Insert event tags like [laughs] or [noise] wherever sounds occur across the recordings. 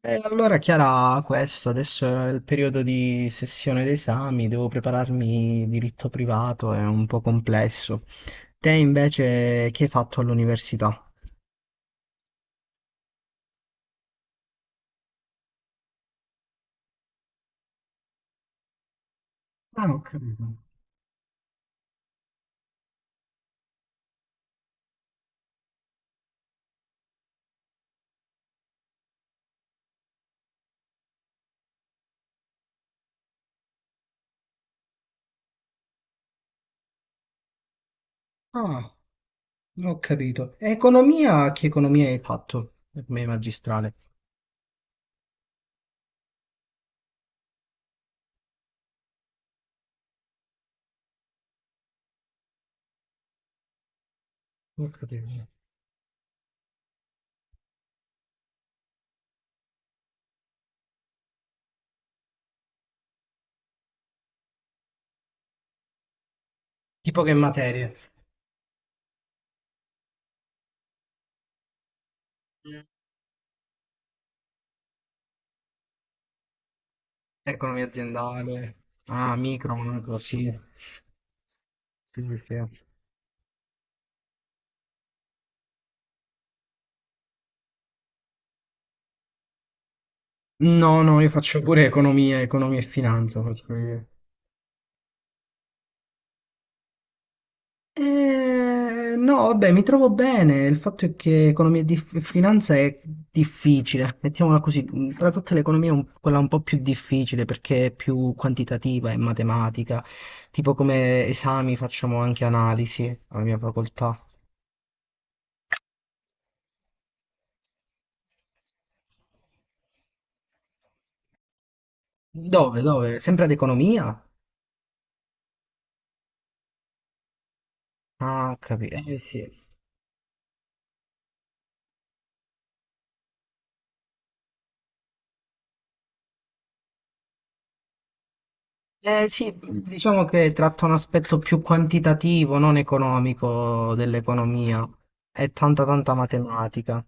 E allora Chiara, questo adesso è il periodo di sessione d'esami, devo prepararmi diritto privato, è un po' complesso. Te invece che hai fatto all'università? Ah, ho capito. Ah, ho capito. E economia, che economia hai fatto per me magistrale? Ho capito. Tipo che materie? Economia aziendale, ah, micro, macro, sì. Sì, sì, sì. No, no, io faccio pure economia, economia e finanza, faccio io. No, vabbè, mi trovo bene. Il fatto è che economia e finanza è difficile, mettiamola così. Tra tutte le economie, è quella un po' più difficile perché è più quantitativa e matematica. Tipo come esami facciamo anche analisi alla mia facoltà. Dove? Dove? Sempre ad economia? Ah, capito. Eh sì. Eh sì, diciamo che tratta un aspetto più quantitativo, non economico dell'economia. È tanta tanta matematica.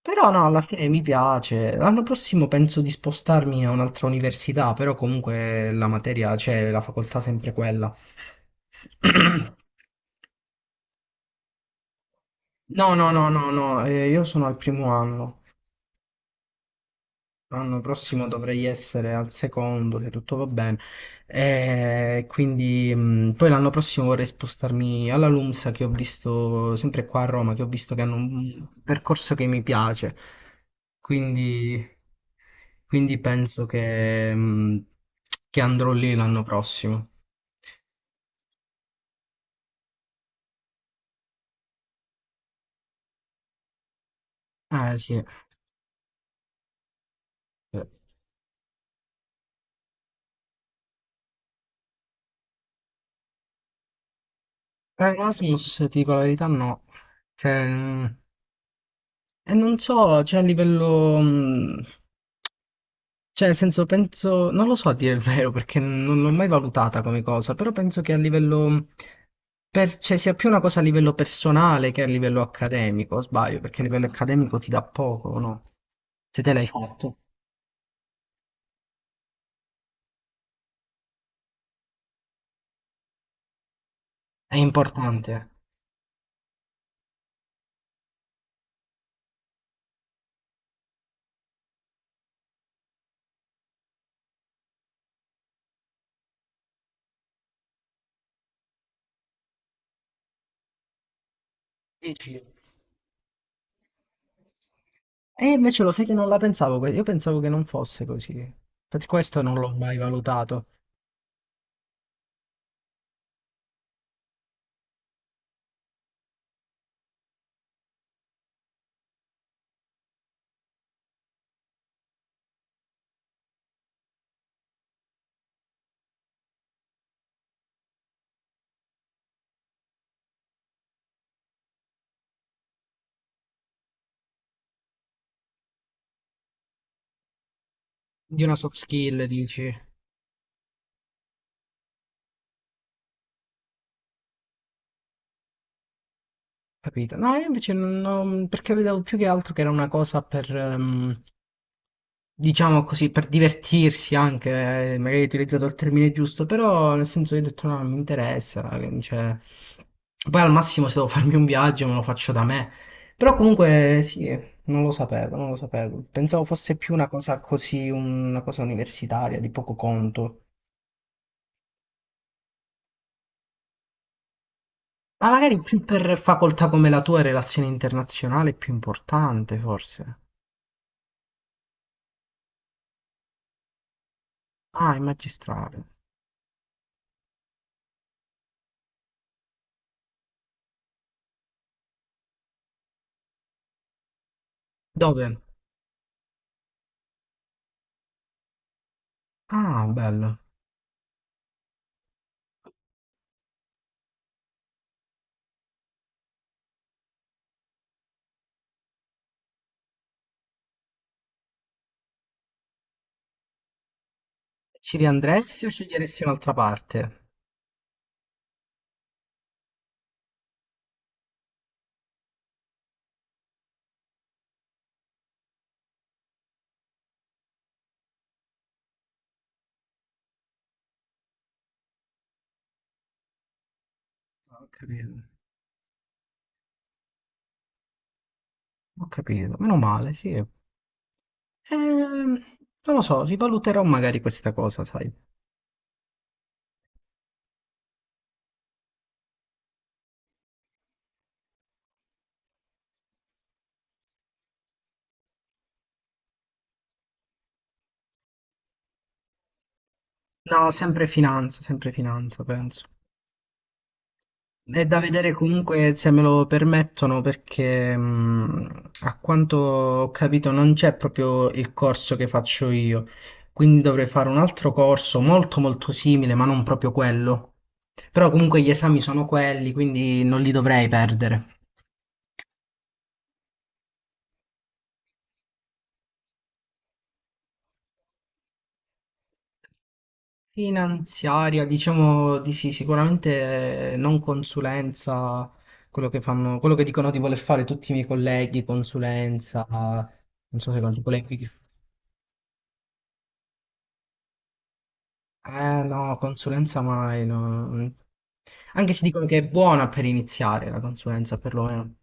Però no, alla fine mi piace. L'anno prossimo penso di spostarmi a un'altra università, però comunque la materia c'è, la facoltà è sempre quella. [clears throat] No, no, no, no, no, io sono al primo anno. L'anno prossimo dovrei essere al secondo, se tutto va bene. E quindi poi l'anno prossimo vorrei spostarmi alla LUMSA che ho visto sempre qua a Roma, che ho visto che hanno un percorso che mi piace. Quindi, quindi penso che andrò lì l'anno prossimo. Eh sì. Eh, Erasmus, ti dico la verità, no. Cioè, e non so, cioè a livello... cioè, nel senso, penso, non lo so a dire il vero perché non l'ho mai valutata come cosa, però penso che a livello, per, cioè, sia più una cosa a livello personale che a livello accademico, o sbaglio, perché a livello accademico ti dà poco, no? Se te l'hai fatto, è importante. Dici. E invece lo sai che non la pensavo, io pensavo che non fosse così, per questo non l'ho mai valutato. Di una soft skill, dici? Capito? No, io invece non perché vedevo più che altro che era una cosa per, diciamo così, per divertirsi anche, magari hai utilizzato il termine giusto, però nel senso io ho detto no, non mi interessa, cioè... Poi al massimo se devo farmi un viaggio me lo faccio da me, però comunque sì, non lo sapevo, non lo sapevo, pensavo fosse più una cosa così, una cosa universitaria, di poco conto, ma magari più per facoltà come la tua, relazione internazionale è più importante forse. Ah, in magistrale. Dove? Ah, bello. Ci riandresti o sceglieresti un'altra parte? Ho capito, ho capito. Meno male, sì. Ehm, non lo so, rivaluterò magari questa cosa, sai. No, sempre finanza, penso. È da vedere comunque se me lo permettono perché a quanto ho capito non c'è proprio il corso che faccio io, quindi dovrei fare un altro corso molto molto simile, ma non proprio quello. Però comunque gli esami sono quelli, quindi non li dovrei perdere. Finanziaria, diciamo di sì, sicuramente non consulenza, quello che fanno, quello che dicono di voler fare tutti i miei colleghi, consulenza, non so se con tipo lei qui. Eh no, consulenza mai. No. Anche se dicono che è buona per iniziare la consulenza, perlomeno.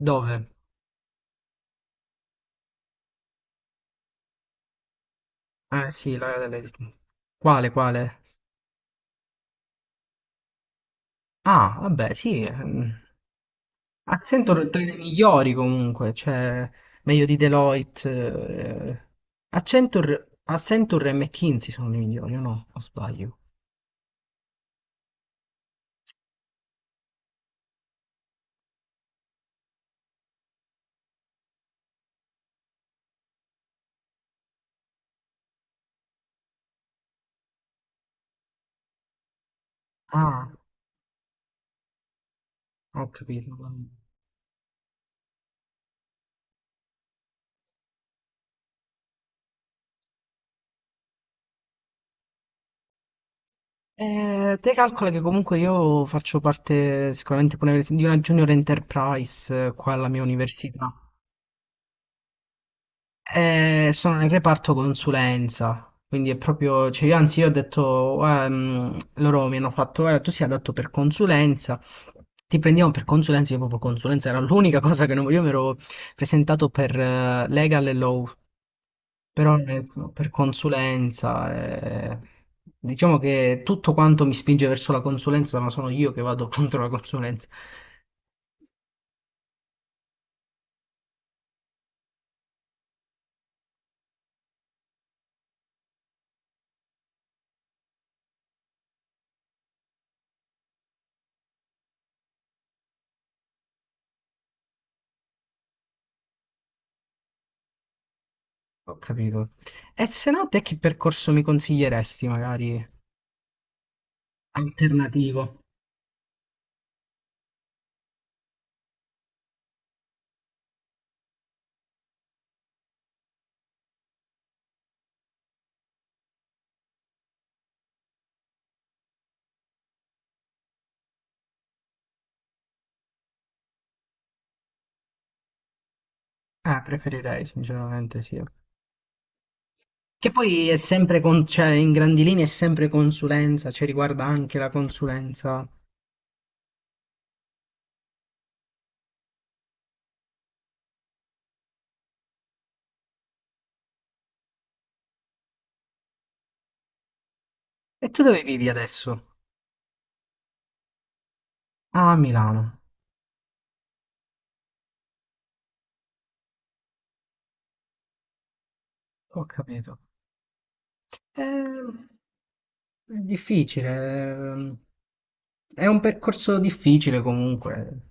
Dove? Eh sì, la, quale, quale? Ah, vabbè, sì. Accenture tra le migliori comunque, cioè meglio di Deloitte. Eh. Accenture, Accenture e McKinsey sono le migliori, o no? O sbaglio? Ah, ho capito. Te calcola che comunque io faccio parte sicuramente pure di una junior enterprise qua alla mia università. Sono nel reparto consulenza, quindi è proprio, cioè io anzi io ho detto, loro mi hanno fatto, guarda, tu sei adatto per consulenza, ti prendiamo per consulenza, io proprio consulenza era l'unica cosa che non volevo, io mi ero presentato per legal e law, però ecco, per consulenza, diciamo che tutto quanto mi spinge verso la consulenza, ma sono io che vado [laughs] contro la consulenza. Ho capito. E se no, te che percorso mi consiglieresti, magari alternativo? Ah, preferirei, sinceramente, sì. Che poi è sempre, con, cioè, in grandi linee è sempre consulenza, cioè riguarda anche la consulenza. E tu dove vivi adesso? Ah, a Milano. Ho capito. Ehm, è difficile, ehm, è un percorso difficile comunque.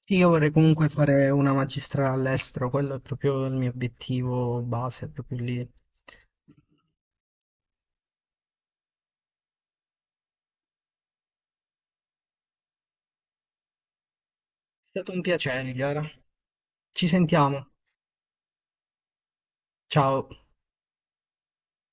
Sì, io vorrei comunque fare una magistrale all'estero, quello è proprio il mio obiettivo base, è proprio lì. È stato un piacere, Chiara. Ci sentiamo. Ciao.